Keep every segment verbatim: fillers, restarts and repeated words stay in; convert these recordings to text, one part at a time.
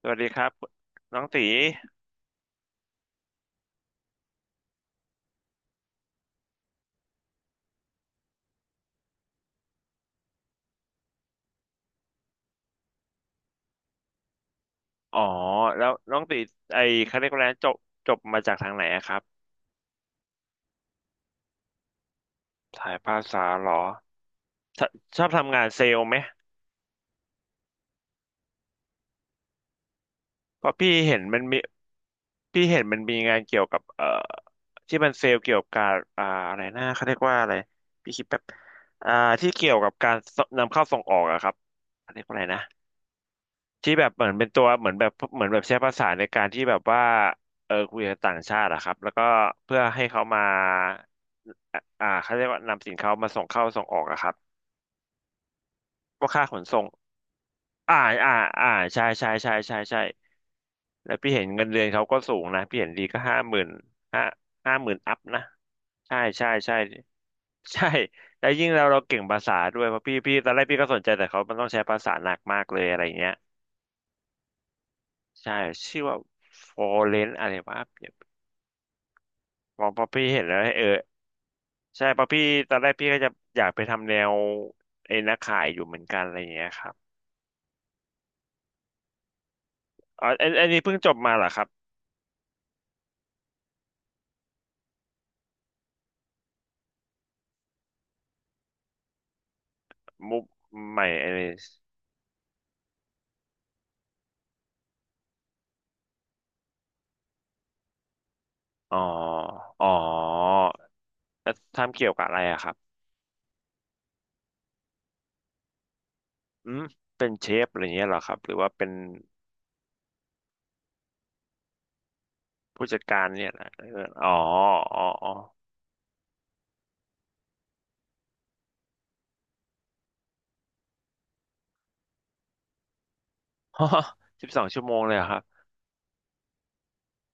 สวัสดีครับน้องตีอ๋อแล้วน้องตีไอคาเรียกว่าอะไรนะจบจบมาจากทางไหนอะครับสายภาษาเหรอชอบชอบทำงานเซลล์ไหมเพราะพี่เห็นมันมีพี่เห็นมันมีงานเกี่ยวกับเอ่อที่มันเซลล์เกี่ยวกับการอ่าอะไรนะเขาเรียกว่าอะไรพี่คิดแป๊บอ่าที่เกี่ยวกับการนำเข้าส่งออกอะครับเขาเรียกว่าอะไรนะ ที่แบบเหมือนเป็นตัวเหมือนแบบเหมือนแบบใช้ภาษาในการที่แบบว่าเออคุยกับต่างชาติอะครับแล้วก็เพื่อให้เขามาอ่าอ่าเขาเรียกว่านำสินค้ามาส่งเข้าส่งออกอะครับพวกค่าขนส่งอ่าอ่าอ่าใช่ใช่ใช่ใช่ใช่แล้วพี่เห็นเงินเดือนเขาก็สูงนะพี่เห็นดีก็ห้าหมื่นห้าห้าหมื่นอัพนะใช่ใช่ใช่ใช่แล้วยิ่งเราเราเก่งภาษาด้วยเพราะพี่พี่ตอนแรกพี่ก็สนใจแต่เขามันต้องใช้ภาษาหนักมากเลยอะไรเงี้ยใช่ชื่อว่า Foreign อะไรวะ บอกป๊อปปี้เห็นแล้วเออใช่ป๊อปปี้ตอนแรกพี่ก็จะอยากไปทำแนวไอ้นักขายอยู่เหมือนกันอะไรอย่างเงี้ยครับอ๋ออันอันนี้เพิ่งจบมาเหรอครับมุกใหม่ไอ้นี่อ๋ออ๋อแล้วทำเกี่ยวกับอะไรอะครับอืมเป็นเชฟอะไรอย่างเงี้ยเหรอครับหรือว่าเป็นผู้จัดการเนี่ยนะเอออ๋ออ๋ออ๋อ สิบสองชั่วโมงเลยเหรอครับ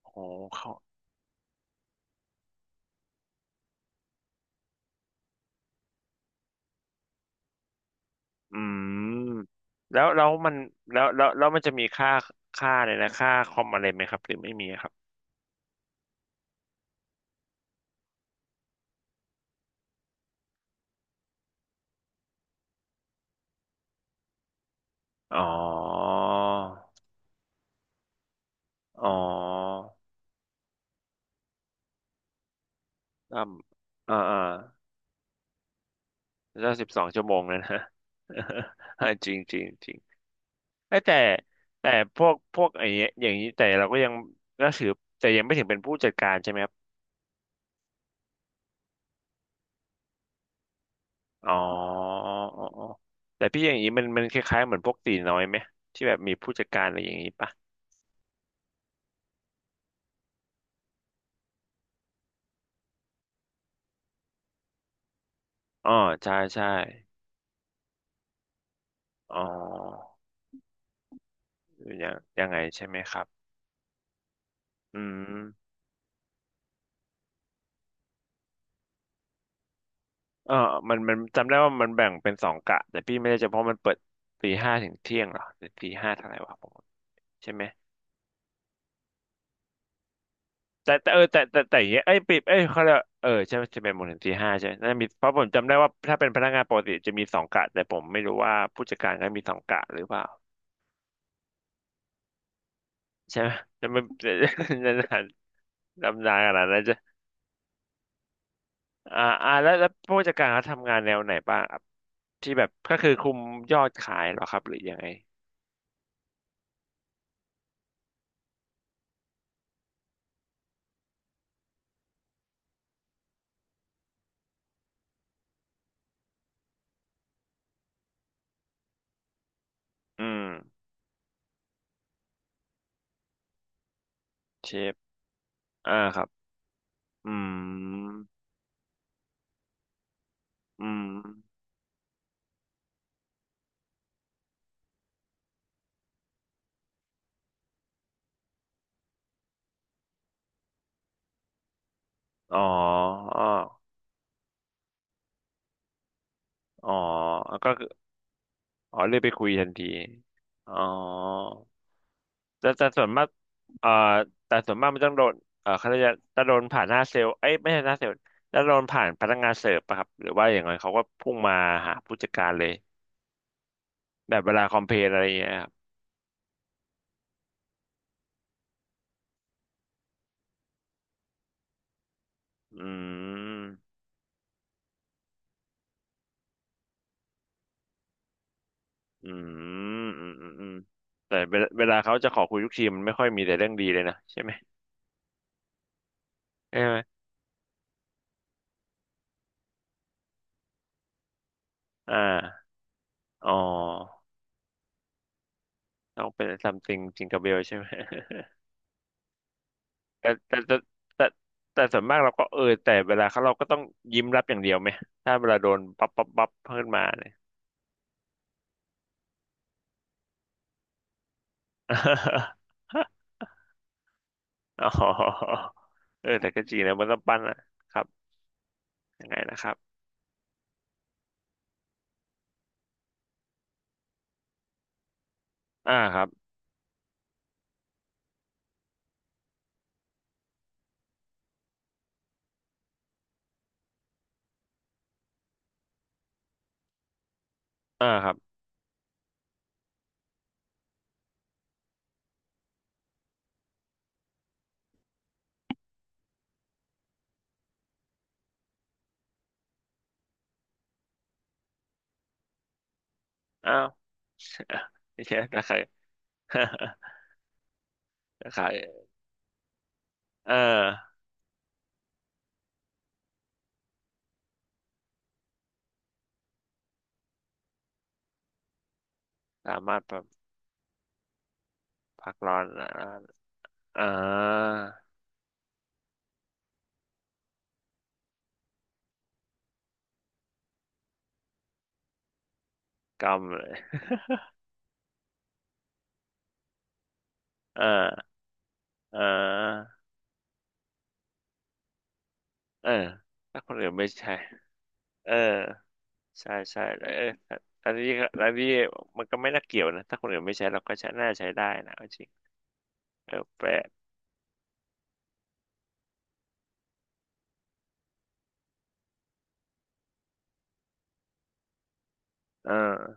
โอ้โหเขาอืมแล้วแล้วมันแล้วแล้วแล้วมันจะมีค่าค่าเลยนะค่าคอมอะไรไหมครับหรือไม่มีครับ อ๋ออ๋อตั้มอ่าอ่าก็สิบสองชั่วโมงเลยนะ อ่าจริงจริงจริงเอ้ยแต่แต่พวกพวกไอ้เนี้ยอย่างนี้แต่เราก็ยังก็ถือแต่ยังไม่ถึงเป็นผู้จัดการใช่ไหมครับอ๋ออ๋ออ๋อแต่พี่อย่างนี้มันมันคล้ายๆเหมือนพวกตีน้อยไหมที่แบบมีผู้จัดการอะไรอย่างนี้ปะอ๋อ ใช่ใช่อ๋ออย่างยังไงใช่ไหมครับอืม เออมันมันจำได้ว่ามันแบ่งเป็นสองกะแต่พี่ไม่ได้จำเพราะมันเปิดตีห้าถึงเที่ยงเหรอหรือตีห้าเท่าไหร่วะผมใช่ไหมแต่แต่เออแต่แต่แต่อย่างเงี้ยเอ้ยปิดเอ้ยเขาเรียกว่าเออใช่ไหมจะเป็นโมงถึงตีห้าใช่ไหมน่ามีเพราะผมจำได้ว่าถ้าเป็นพนักงานปกติจะมีสองกะแต่ผมไม่รู้ว่าผู้จัดการก็มีสองกะหรือเปล่าใช่ไหมจะไม่ จะนานดำนานขนาดนั้นจะอ่าอ่าแล้วแล้วผู้จัดการเขาทำงานแนวไหนบ้างครับที่แบบก็คือคุมยอดขายเหรอครับหรือยังไงอืมเชฟอ่าครับ อืมอืมอ๋ออ๋อก็คืออ๋อเรียกไปคุยทันทีอ๋อแต่แต่ส่วนมากเอ่อแต่ส่วนมากมันต้องโดนเอ่อเขาจะจะโดนผ่านหน้าเซลล์เอ้ยไม่ใช่หน้าเซลล์จะโดนผ่านพนักงานเสิร์ฟปะครับหรือว่าอย่างไรเขาก็พุ่งมาหาผู้จัดการเลยแบบเวลาคอมเพลนอะไรอย่างเงี้ยครับอืมอืมอืมอืมอืมแต่เวลาเวลาเขาจะขอคุยทุกทีมันไม่ค่อยมีแต่เรื่องดีเลยนะใช่ไหมใช่ไหมอ่าอ๋อ ต้องเป็น something จิงก e เบลใช่ไหม แต่แต่แต่แต่แต่ส่วนมากเราก็เออแต่เวลาเขาเราก็ต้องยิ้มรับอย่างเดียวไหมถ้าเวลาโดนปั๊บปั๊บปั๊บขึ้นมาเนี่ย อ๋อเออแต่ก็จริงนะมันต้องปั้นอ่ะครับยังไงนะครับอ่าครับอ่าครับอ้าว ไม่ใช่ตะไคร้ ตะไคร้เออสามารถแบบพักร้อนอ่าอ่ากำเลย อ่าอาเออถ้าคนอื่นไม่ใช่เออ ใช่ใช่แล้วเอออันนี้อันนี้มันก็ไม่น่าเกี่ยวนะถ้าคนอื่นไม่ใช้เราก็ใช้น่าใช้ได้นะเอาจริงเออแปลกเออ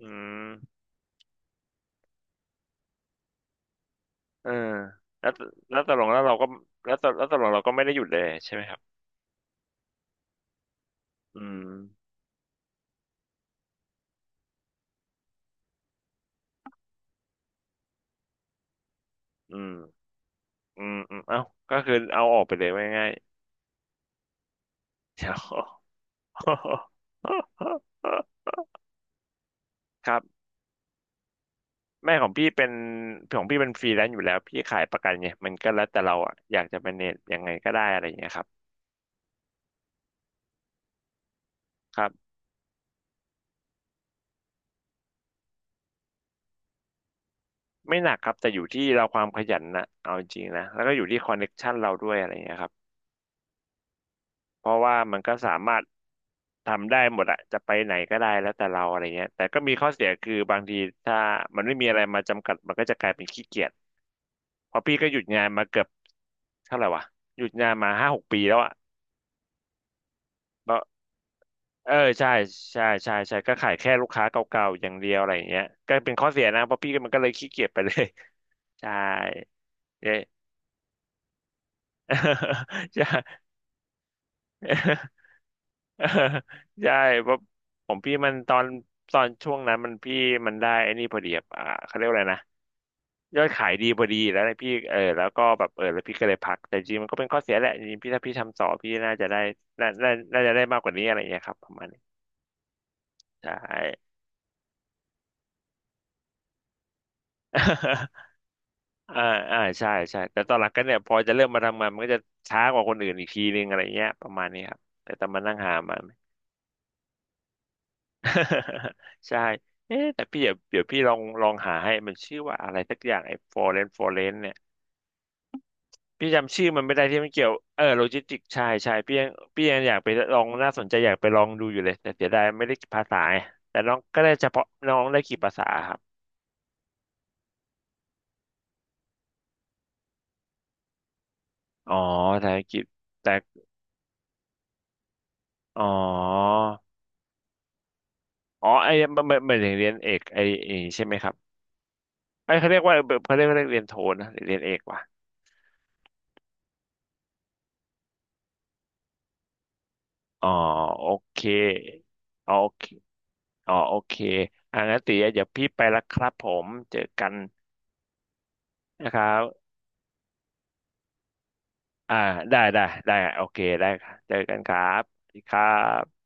อืมเออแล้วแล้วตกลงแล้วเราก็แล้วตแล้วตกลงเราก็ไม่ได้หยุดเลยใช่ไหมครับอืมอืมอืมอืมเอ้าก็คือเอาออกไปเลยว่าง่ายๆ เดี๋ยวครับแม่ของพี่เป็นของพี่เป็นฟรีแลนซ์อยู่แล้วพี่ขายประกันไงมันก็แล้วแต่เราอะอยากจะเป็นเน็ตยังไงก็ได้อะไรอย่างเงี้ยครับ ไม่หนักครับแต่อยู่ที่เราความขยันนะเอาจริงๆนะแล้วก็อยู่ที่คอนเน็กชันเราด้วยอะไรเงี้ยครับเพราะว่ามันก็สามารถทำได้หมดอะจะไปไหนก็ได้แล้วแต่เราอะไรเงี้ยแต่ก็มีข้อเสียคือบางทีถ้ามันไม่มีอะไรมาจำกัดมันก็จะกลายเป็นขี้เกียจเพราะพี่ก็หยุดงานมาเกือบเท่าไหร่วะหยุดงานมาห้าหกปีแล้วอะก็เออใช่ใช่ใช่ใช่ก็ขายแค่ลูกค้าเก่าๆอย่างเดียวอะไรอย่างเงี้ยก็เป็นข้อเสียนะเพราะพี่ก็มันก็เลยขี้เกียจไปเลย ใช่เย้ ใช่ เออใช่เพราะผมพี่มันตอนตอนช่วงนั้นมันพี่มันได้ไอ้นี่พอดีอะอ่าเขาเรียกว่าอะไรนะยอดขายดีพอดีแล้วเนยพี่เออแล้วก็แบบเออแล้วพี่ก็เลยพักแต่จริงมันก็เป็นข้อเสียแหละจริงพี่ถ้าพี่ทำต่อพี่น่าจะได้น่าน่าน่าจะได้มากกว่านี้อะไรอย่างเงี้ยครับประมาณนี้ใช่ อ่าอ่าใช่ใช่แต่ตอนหลังก็เนี่ยพอจะเริ่มมาทำงานมันก็จะช้ากว่าคนอื่นอีกทีนึงอะไรเงี้ยประมาณนี้ครับแต่ต้องมานั่งหามัน ใช่เอ๊ะแต่พี่เดี๋ยวเดี๋ยวพี่ลองลองหาให้มันชื่อว่าอะไรสักอย่างไอ้ฟอเรนฟอเรนเนี่ยพี่จำชื่อมันไม่ได้ที่มันเกี่ยวเออโลจิสติกใช่ใช่พี่ยังพี่ยังอยากไปลองน่าสนใจอยากไปลองดูอยู่เลยแต่เสียดายไม่ได้ภาษาไงแต่น้องก็ได้เฉพาะน้องได้กี่ภาษาครับอ๋อภาษาอังกฤษแต่อ๋ออ๋อไอ้มันมันมันเรียนเอกไอ้ไอ้ใช่ไหมครับไอ้เขาเรียกว่าเขาเรียกว่าเรียนโทนะหรือเรียนเอกวะอ๋อโอเคอ๋อโอเค อ๋อโอเคอ่างั้นตีเดี๋ยวพี่ไปละครับผม เจอกันนะครับ อ่าได้ได้ได้โอเคได้ครับเจอกันครับสวัสดีครับ